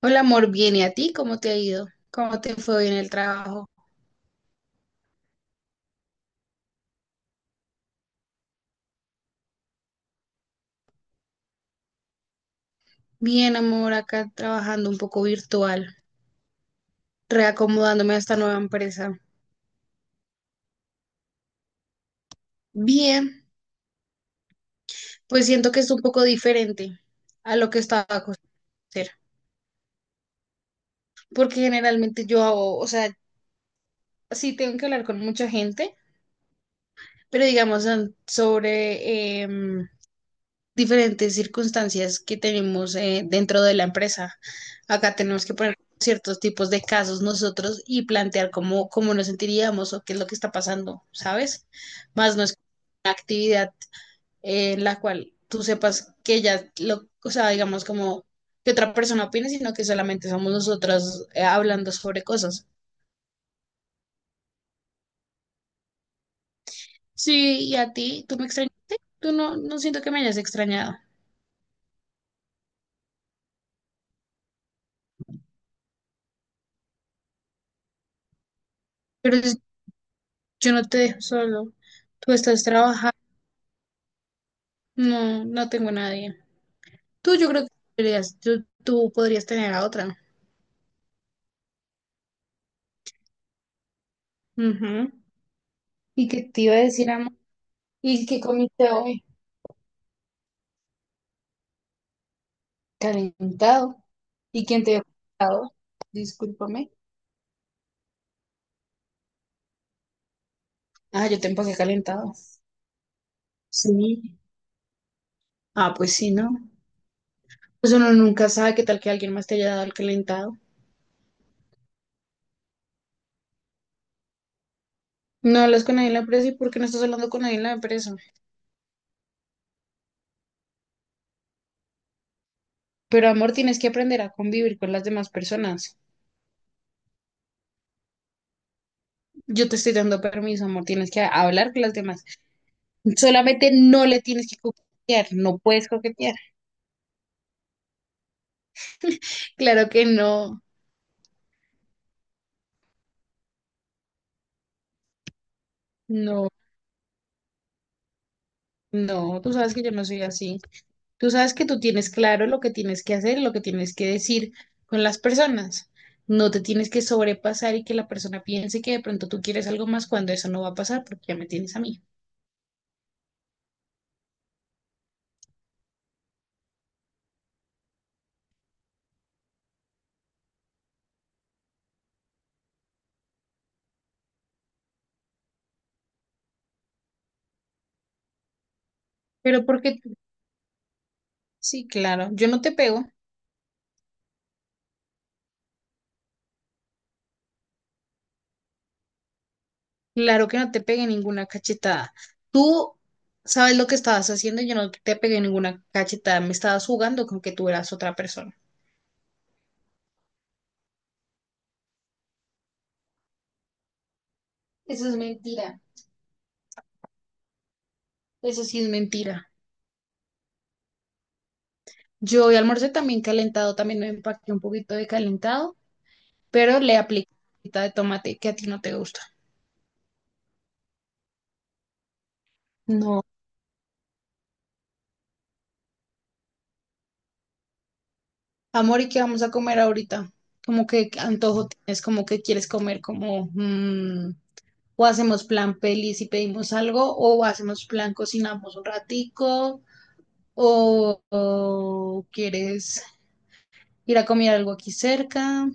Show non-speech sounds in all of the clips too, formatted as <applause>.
Hola amor, bien, ¿y a ti? ¿Cómo te ha ido? ¿Cómo te fue hoy en el trabajo? Bien, amor, acá trabajando un poco virtual, reacomodándome a esta nueva empresa. Bien, pues siento que es un poco diferente a lo que estaba acostumbrada a hacer, porque generalmente yo hago, o sea, sí tengo que hablar con mucha gente, pero digamos sobre diferentes circunstancias que tenemos dentro de la empresa. Acá tenemos que poner ciertos tipos de casos nosotros y plantear cómo nos sentiríamos o qué es lo que está pasando, ¿sabes? Más no es una actividad en la cual tú sepas que ya, lo, o sea, digamos como que otra persona opine, sino que solamente somos nosotros hablando sobre cosas. Sí, ¿y a ti? Tú me extrañaste, tú no, no siento que me hayas extrañado, pero yo no te dejo solo, tú estás trabajando. No, no tengo nadie. Tú, yo creo que podrías, tú, podrías tener a otra. Ujú. ¿Y qué te iba a decir, amor? ¿Y qué comiste hoy? Calentado. ¿Y quién te dio calentado? Discúlpame. Ah, yo te empaqué calentado. Sí. Ah, pues sí, ¿no? Pues uno nunca sabe qué tal que alguien más te haya dado el calentado. No hablas con nadie en la empresa, y por qué no estás hablando con nadie en la empresa. Pero amor, tienes que aprender a convivir con las demás personas. Yo te estoy dando permiso, amor, tienes que hablar con las demás. Solamente no le tienes que coquetear, no puedes coquetear. Claro que no. No, no, tú sabes que yo no soy así. Tú sabes que tú tienes claro lo que tienes que hacer, lo que tienes que decir con las personas. No te tienes que sobrepasar y que la persona piense que de pronto tú quieres algo más cuando eso no va a pasar porque ya me tienes a mí. Pero porque, tú- sí, claro, yo no te pego. Claro que no te pegué ninguna cachetada. Tú sabes lo que estabas haciendo y yo no te pegué ninguna cachetada. Me estabas jugando con que tú eras otra persona. Eso es mentira. Eso sí es mentira. Yo hoy almorcé también calentado, también me empaqué un poquito de calentado, pero le apliqué salsita de tomate que a ti no te gusta. No. Amor, ¿y qué vamos a comer ahorita? Como que antojo tienes, como que quieres comer, como o hacemos plan pelis y pedimos algo, o hacemos plan cocinamos un ratico, o quieres ir a comer algo aquí cerca,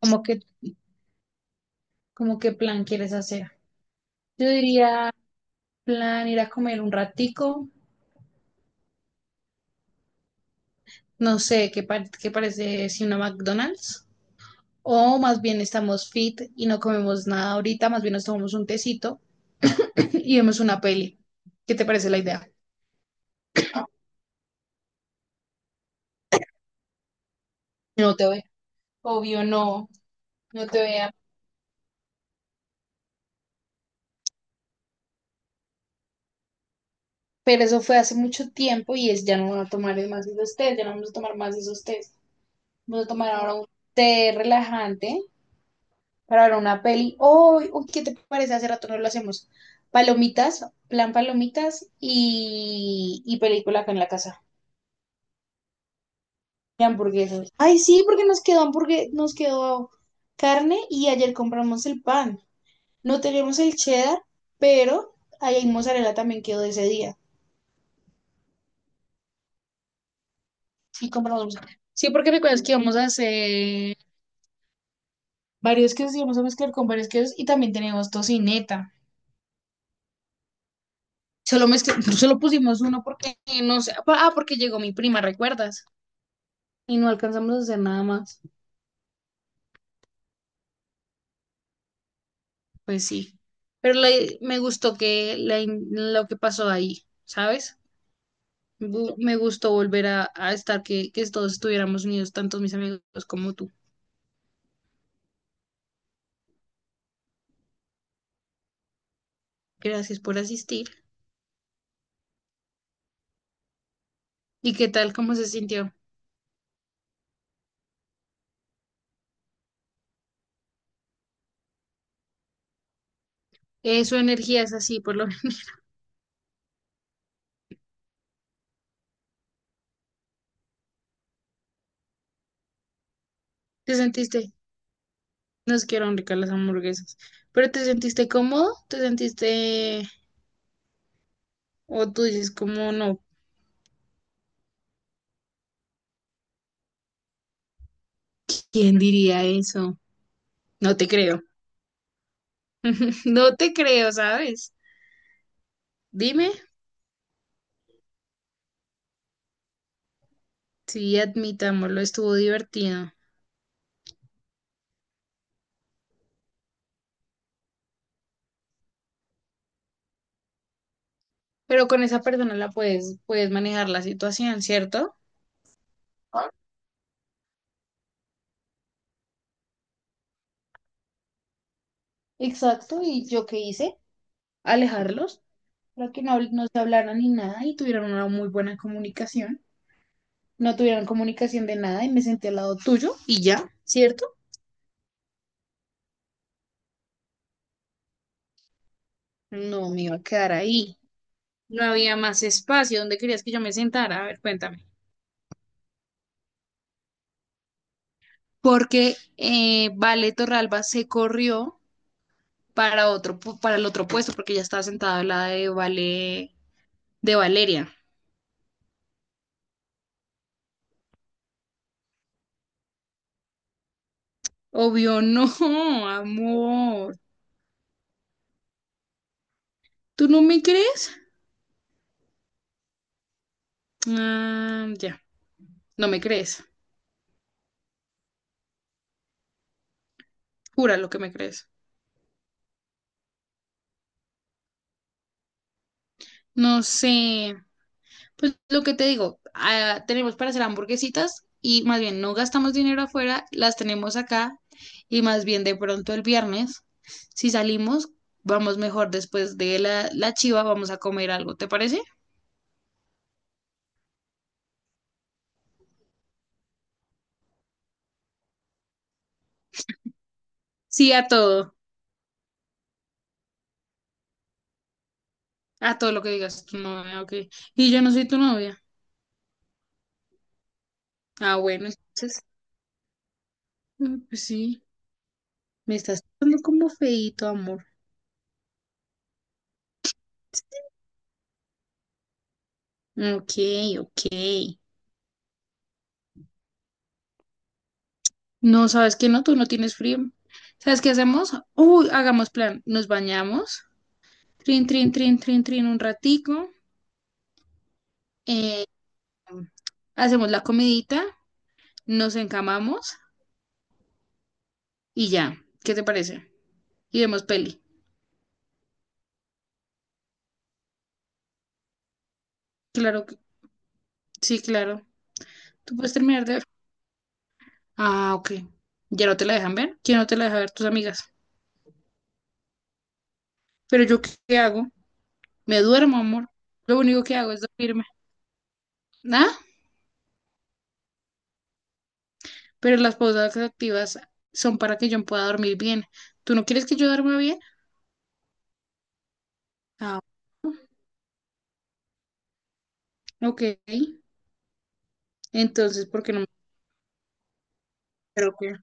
como como qué plan quieres hacer. Yo diría plan ir a comer un ratico, no sé, ¿qué parece si una McDonald's? O más bien estamos fit y no comemos nada ahorita, más bien nos tomamos un tecito y vemos una peli. ¿Qué te parece la idea? No te veo. Obvio, no, no te vea. Pero eso fue hace mucho tiempo y es ya no van a tomar más esos tés, ya no vamos a tomar más esos tés. Vamos a tomar ahora un té relajante para ver una peli. Uy, uy, ¿qué te parece? Hace rato no lo hacemos. Palomitas, plan palomitas y película acá en la casa. Y hamburguesas. Ay, sí, porque nos quedó nos quedó carne y ayer compramos el pan. No teníamos el cheddar, pero ahí hay mozzarella también quedó de ese día. Sí, compramos mozzarella. Sí, porque recuerdas que íbamos a hacer varios quesos, íbamos a mezclar con varios quesos y también teníamos tocineta. Solo pusimos uno porque no sé. Ah, porque llegó mi prima, ¿recuerdas? Y no alcanzamos a hacer nada más, pues sí. Pero la- me gustó que lo que pasó ahí, ¿sabes? Me gustó volver a estar, que todos estuviéramos unidos, tanto mis amigos como tú. Gracias por asistir. ¿Y qué tal? ¿Cómo se sintió? Su energía es así, por lo menos. <laughs> ¿Te sentiste? No es que eran ricas las hamburguesas, pero ¿te sentiste cómodo? ¿Te sentiste... o tú dices, como no? ¿Quién diría eso? No te creo. <laughs> No te creo, ¿sabes? Dime. Sí, admitámoslo, estuvo divertido. Pero con esa persona la puedes, puedes manejar la situación, ¿cierto? Exacto, ¿y yo qué hice? Alejarlos. Para que no, no se hablaran ni nada y tuvieran una muy buena comunicación. No tuvieran comunicación de nada y me senté al lado tuyo y ya, ¿cierto? No me iba a quedar ahí. No había más espacio. ¿Dónde querías que yo me sentara? A ver, cuéntame. Porque Vale Torralba se corrió para para el otro puesto, porque ya estaba sentada al lado de Vale, de Valeria. Obvio, no, amor. ¿Tú no me crees? Ah, ya, no me crees. Jura lo que me crees. No sé. Pues lo que te digo, ah, tenemos para hacer hamburguesitas y más bien no gastamos dinero afuera, las tenemos acá y más bien de pronto el viernes, si salimos, vamos mejor después de la chiva, vamos a comer algo, ¿te parece? Sí, a todo lo que digas tu novia, ok. Y yo no soy tu novia. Ah, bueno, entonces. Mm, pues sí, me estás tratando como feíto, amor. Ok, ok. No, ¿sabes qué? No, tú no tienes frío. ¿Sabes qué hacemos? Uy, hagamos plan. Nos bañamos. Trin, trin, trin, trin, trin, un ratico. eh, hacemos la comidita. Nos encamamos y ya. ¿Qué te parece? Y vemos peli. Claro que sí, claro. Tú puedes terminar de ver. Ah, ok. ¿Ya no te la dejan ver? ¿Quién no te la deja ver? Tus amigas. ¿Pero yo qué hago? Me duermo, amor. Lo único que hago es dormirme. ¿Ah? Pero las pausas activas son para que yo pueda dormir bien. ¿Tú no quieres que yo duerma bien? Ah, ok. Entonces, ¿por qué no me creo que?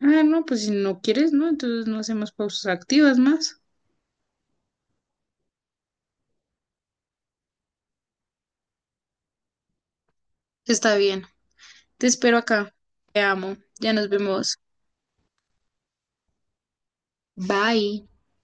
Ah, no, pues si no quieres, ¿no? Entonces no hacemos pausas activas más. Está bien. Te espero acá. Te amo. Ya nos vemos. Bye.